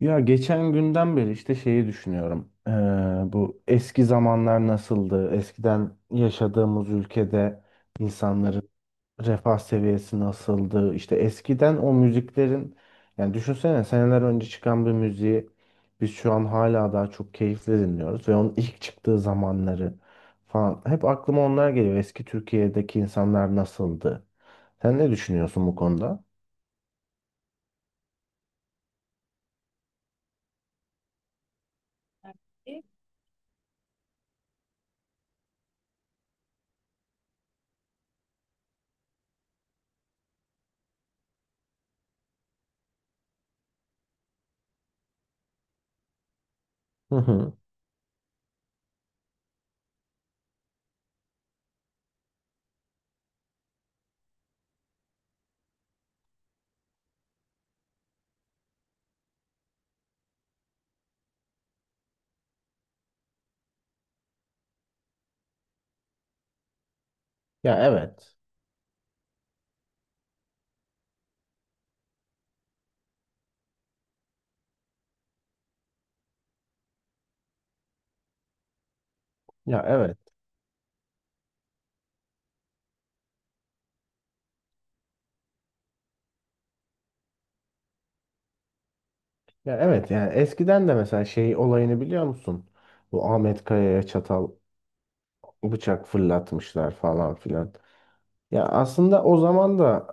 Ya geçen günden beri işte şeyi düşünüyorum. Bu eski zamanlar nasıldı? Eskiden yaşadığımız ülkede insanların refah seviyesi nasıldı? İşte eskiden o müziklerin yani düşünsene seneler önce çıkan bir müziği biz şu an hala daha çok keyifle dinliyoruz ve onun ilk çıktığı zamanları falan. Hep aklıma onlar geliyor. Eski Türkiye'deki insanlar nasıldı? Sen ne düşünüyorsun bu konuda? Hı hı. Ya evet. Ya evet. Ya evet, yani eskiden de mesela şey olayını biliyor musun? Bu Ahmet Kaya'ya çatal bıçak fırlatmışlar falan filan. Ya aslında o zaman da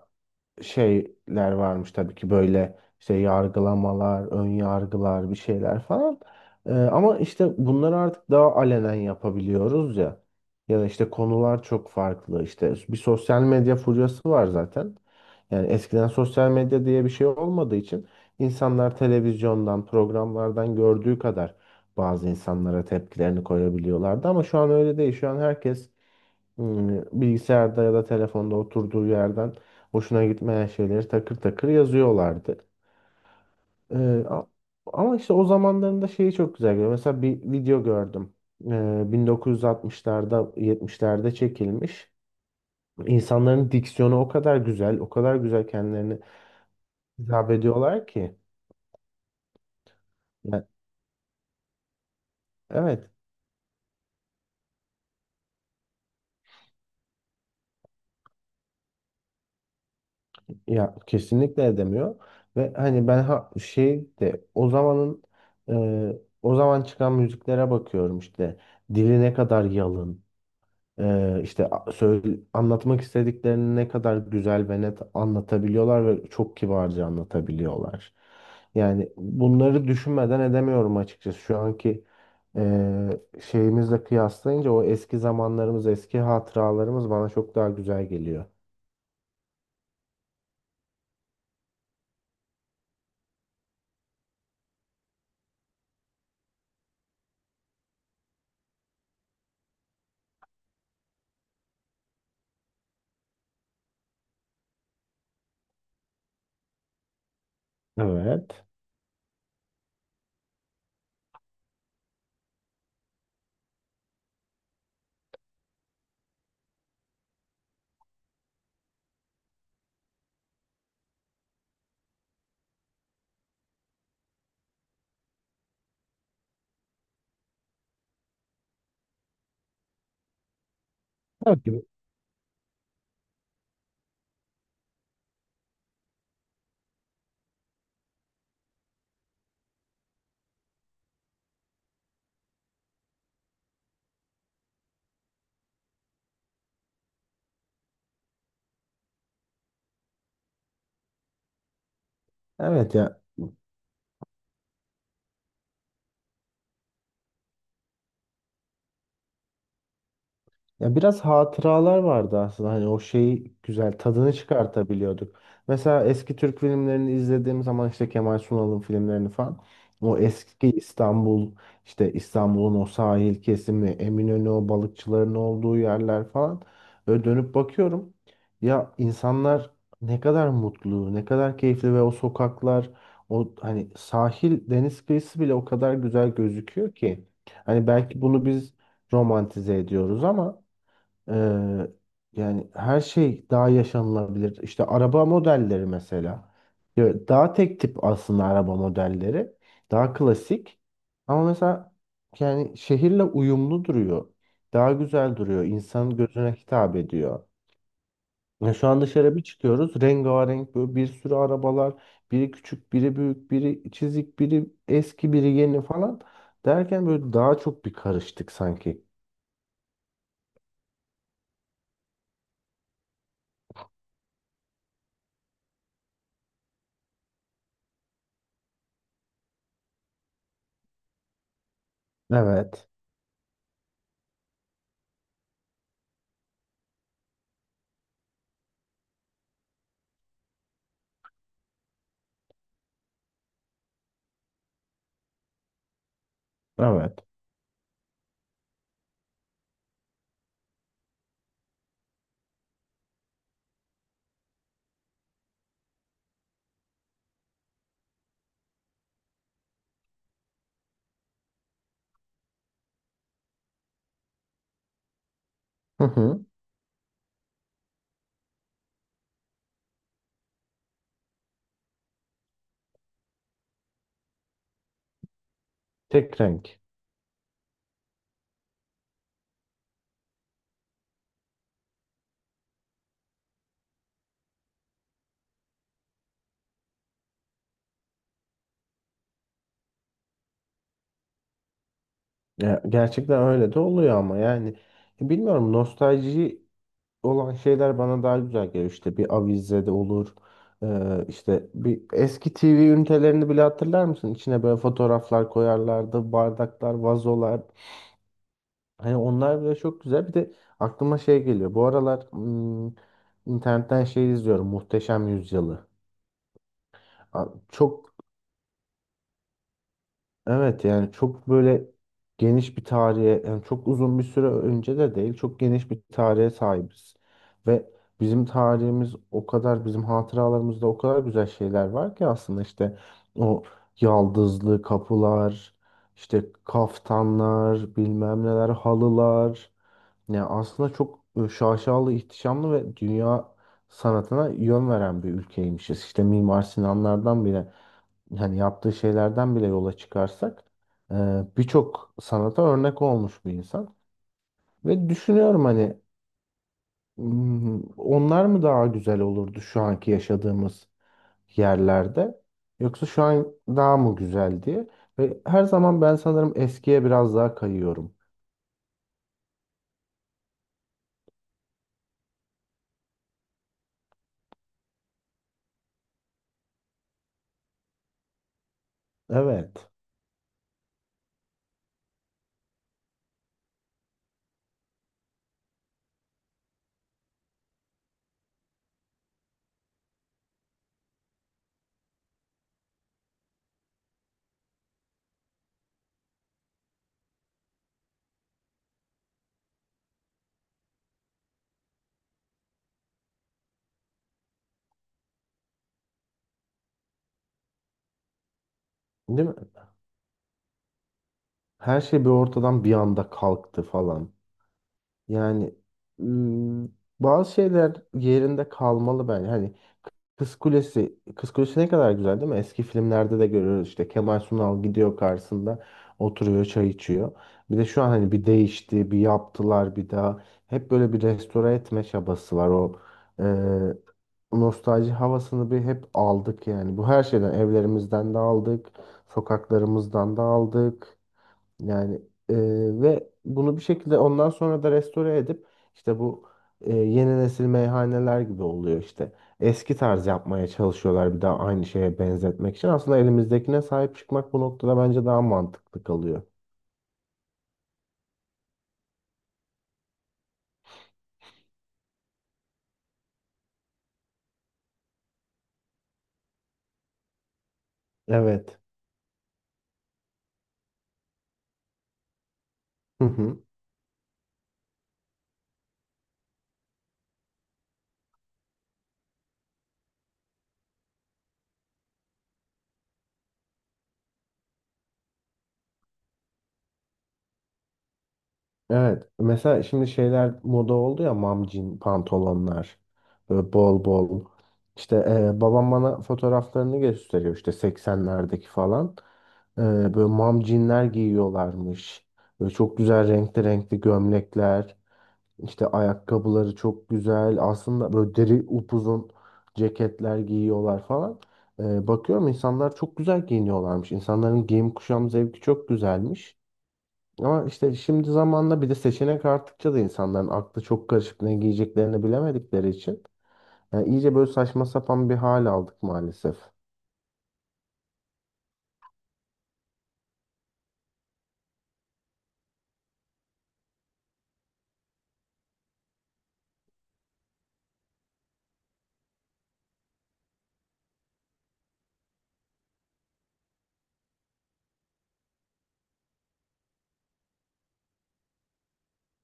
şeyler varmış tabii ki böyle işte yargılamalar, ön yargılar bir şeyler falan. Ama işte bunları artık daha alenen yapabiliyoruz ya. Ya da işte konular çok farklı. İşte bir sosyal medya furyası var zaten. Yani eskiden sosyal medya diye bir şey olmadığı için insanlar televizyondan, programlardan gördüğü kadar bazı insanlara tepkilerini koyabiliyorlardı ama şu an öyle değil. Şu an herkes bilgisayarda ya da telefonda oturduğu yerden hoşuna gitmeyen şeyleri takır takır yazıyorlardı. Ee, a- ama işte o zamanlarında şeyi çok güzel görüyorum. Mesela bir video gördüm. 1960'larda, 70'lerde çekilmiş. İnsanların diksiyonu o kadar güzel, o kadar güzel kendilerini hitap ediyorlar ki. Ya, evet ya, kesinlikle edemiyor ve hani ben şey de o zamanın e, o zaman çıkan müziklere bakıyorum işte dili ne kadar yalın, işte söyle, anlatmak istediklerini ne kadar güzel ve net anlatabiliyorlar ve çok kibarca anlatabiliyorlar. Yani bunları düşünmeden edemiyorum açıkçası şu anki e, şeyimizle kıyaslayınca o eski zamanlarımız eski hatıralarımız bana çok daha güzel geliyor. Evet. Evet gibi. Evet ya. Ya biraz hatıralar vardı aslında. Hani o şeyi güzel tadını çıkartabiliyorduk. Mesela eski Türk filmlerini izlediğim zaman işte Kemal Sunal'ın filmlerini falan. O eski İstanbul, işte İstanbul'un o sahil kesimi, Eminönü, o balıkçıların olduğu yerler falan. Böyle dönüp bakıyorum. Ya insanlar ne kadar mutlu, ne kadar keyifli ve o sokaklar, o hani sahil, deniz kıyısı bile o kadar güzel gözüküyor ki. Hani belki bunu biz romantize ediyoruz ama ee, yani her şey daha yaşanılabilir. İşte araba modelleri mesela. Ya daha tek tip aslında araba modelleri. Daha klasik. Ama mesela yani şehirle uyumlu duruyor. Daha güzel duruyor. İnsanın gözüne hitap ediyor. Ya şu an dışarı bir çıkıyoruz. Rengarenk böyle bir sürü arabalar. Biri küçük, biri büyük, biri çizik, biri eski, biri yeni falan. Derken böyle daha çok bir karıştık sanki. Evet. Evet. Tek renk. Ya, gerçekten öyle de oluyor ama yani bilmiyorum, nostalji olan şeyler bana daha güzel geliyor. İşte bir avize de olur. İşte bir eski TV ünitelerini bile hatırlar mısın? İçine böyle fotoğraflar koyarlardı, bardaklar, vazolar. Hani onlar bile çok güzel. Bir de aklıma şey geliyor. Bu aralar internetten şey izliyorum. Muhteşem Yüzyılı. Çok. Evet yani çok böyle geniş bir tarihe, yani çok uzun bir süre önce de değil, çok geniş bir tarihe sahibiz. Ve bizim tarihimiz o kadar, bizim hatıralarımızda o kadar güzel şeyler var ki aslında, işte o yaldızlı kapılar, işte kaftanlar, bilmem neler, halılar, yani aslında çok şaşalı, ihtişamlı ve dünya sanatına yön veren bir ülkeymişiz. İşte Mimar Sinanlardan bile, hani yaptığı şeylerden bile yola çıkarsak e, birçok sanata örnek olmuş bir insan. Ve düşünüyorum hani, onlar mı daha güzel olurdu şu anki yaşadığımız yerlerde, yoksa şu an daha mı güzel diye. Ve her zaman ben sanırım eskiye biraz daha kayıyorum. Evet. Değil mi? Her şey bir ortadan bir anda kalktı falan. Yani ım, bazı şeyler yerinde kalmalı bence. Hani Kız Kulesi ne kadar güzel değil mi? Eski filmlerde de görüyoruz işte Kemal Sunal gidiyor karşısında oturuyor çay içiyor. Bir de şu an hani bir değişti, bir yaptılar bir daha. Hep böyle bir restore etme çabası var o e, nostalji havasını bir hep aldık yani. Bu her şeyden, evlerimizden de aldık, sokaklarımızdan da aldık. Yani e, ve bunu bir şekilde ondan sonra da restore edip işte bu yeni nesil meyhaneler gibi oluyor işte. Eski tarz yapmaya çalışıyorlar bir daha aynı şeye benzetmek için. Aslında elimizdekine sahip çıkmak bu noktada bence daha mantıklı kalıyor. Evet. Hı hı. Evet. Mesela şimdi şeyler moda oldu ya, mamcin pantolonlar. Böyle bol bol. İşte babam bana fotoğraflarını gösteriyor işte 80'lerdeki falan. E, böyle mamcinler giyiyorlarmış. Böyle çok güzel renkli renkli gömlekler. İşte ayakkabıları çok güzel. Aslında böyle deri upuzun ceketler giyiyorlar falan. Bakıyorum insanlar çok güzel giyiniyorlarmış. İnsanların giyim kuşam zevki çok güzelmiş. Ama işte şimdi zamanla bir de seçenek arttıkça da insanların aklı çok karışık ne giyeceklerini bilemedikleri için yani iyice böyle saçma sapan bir hal aldık maalesef.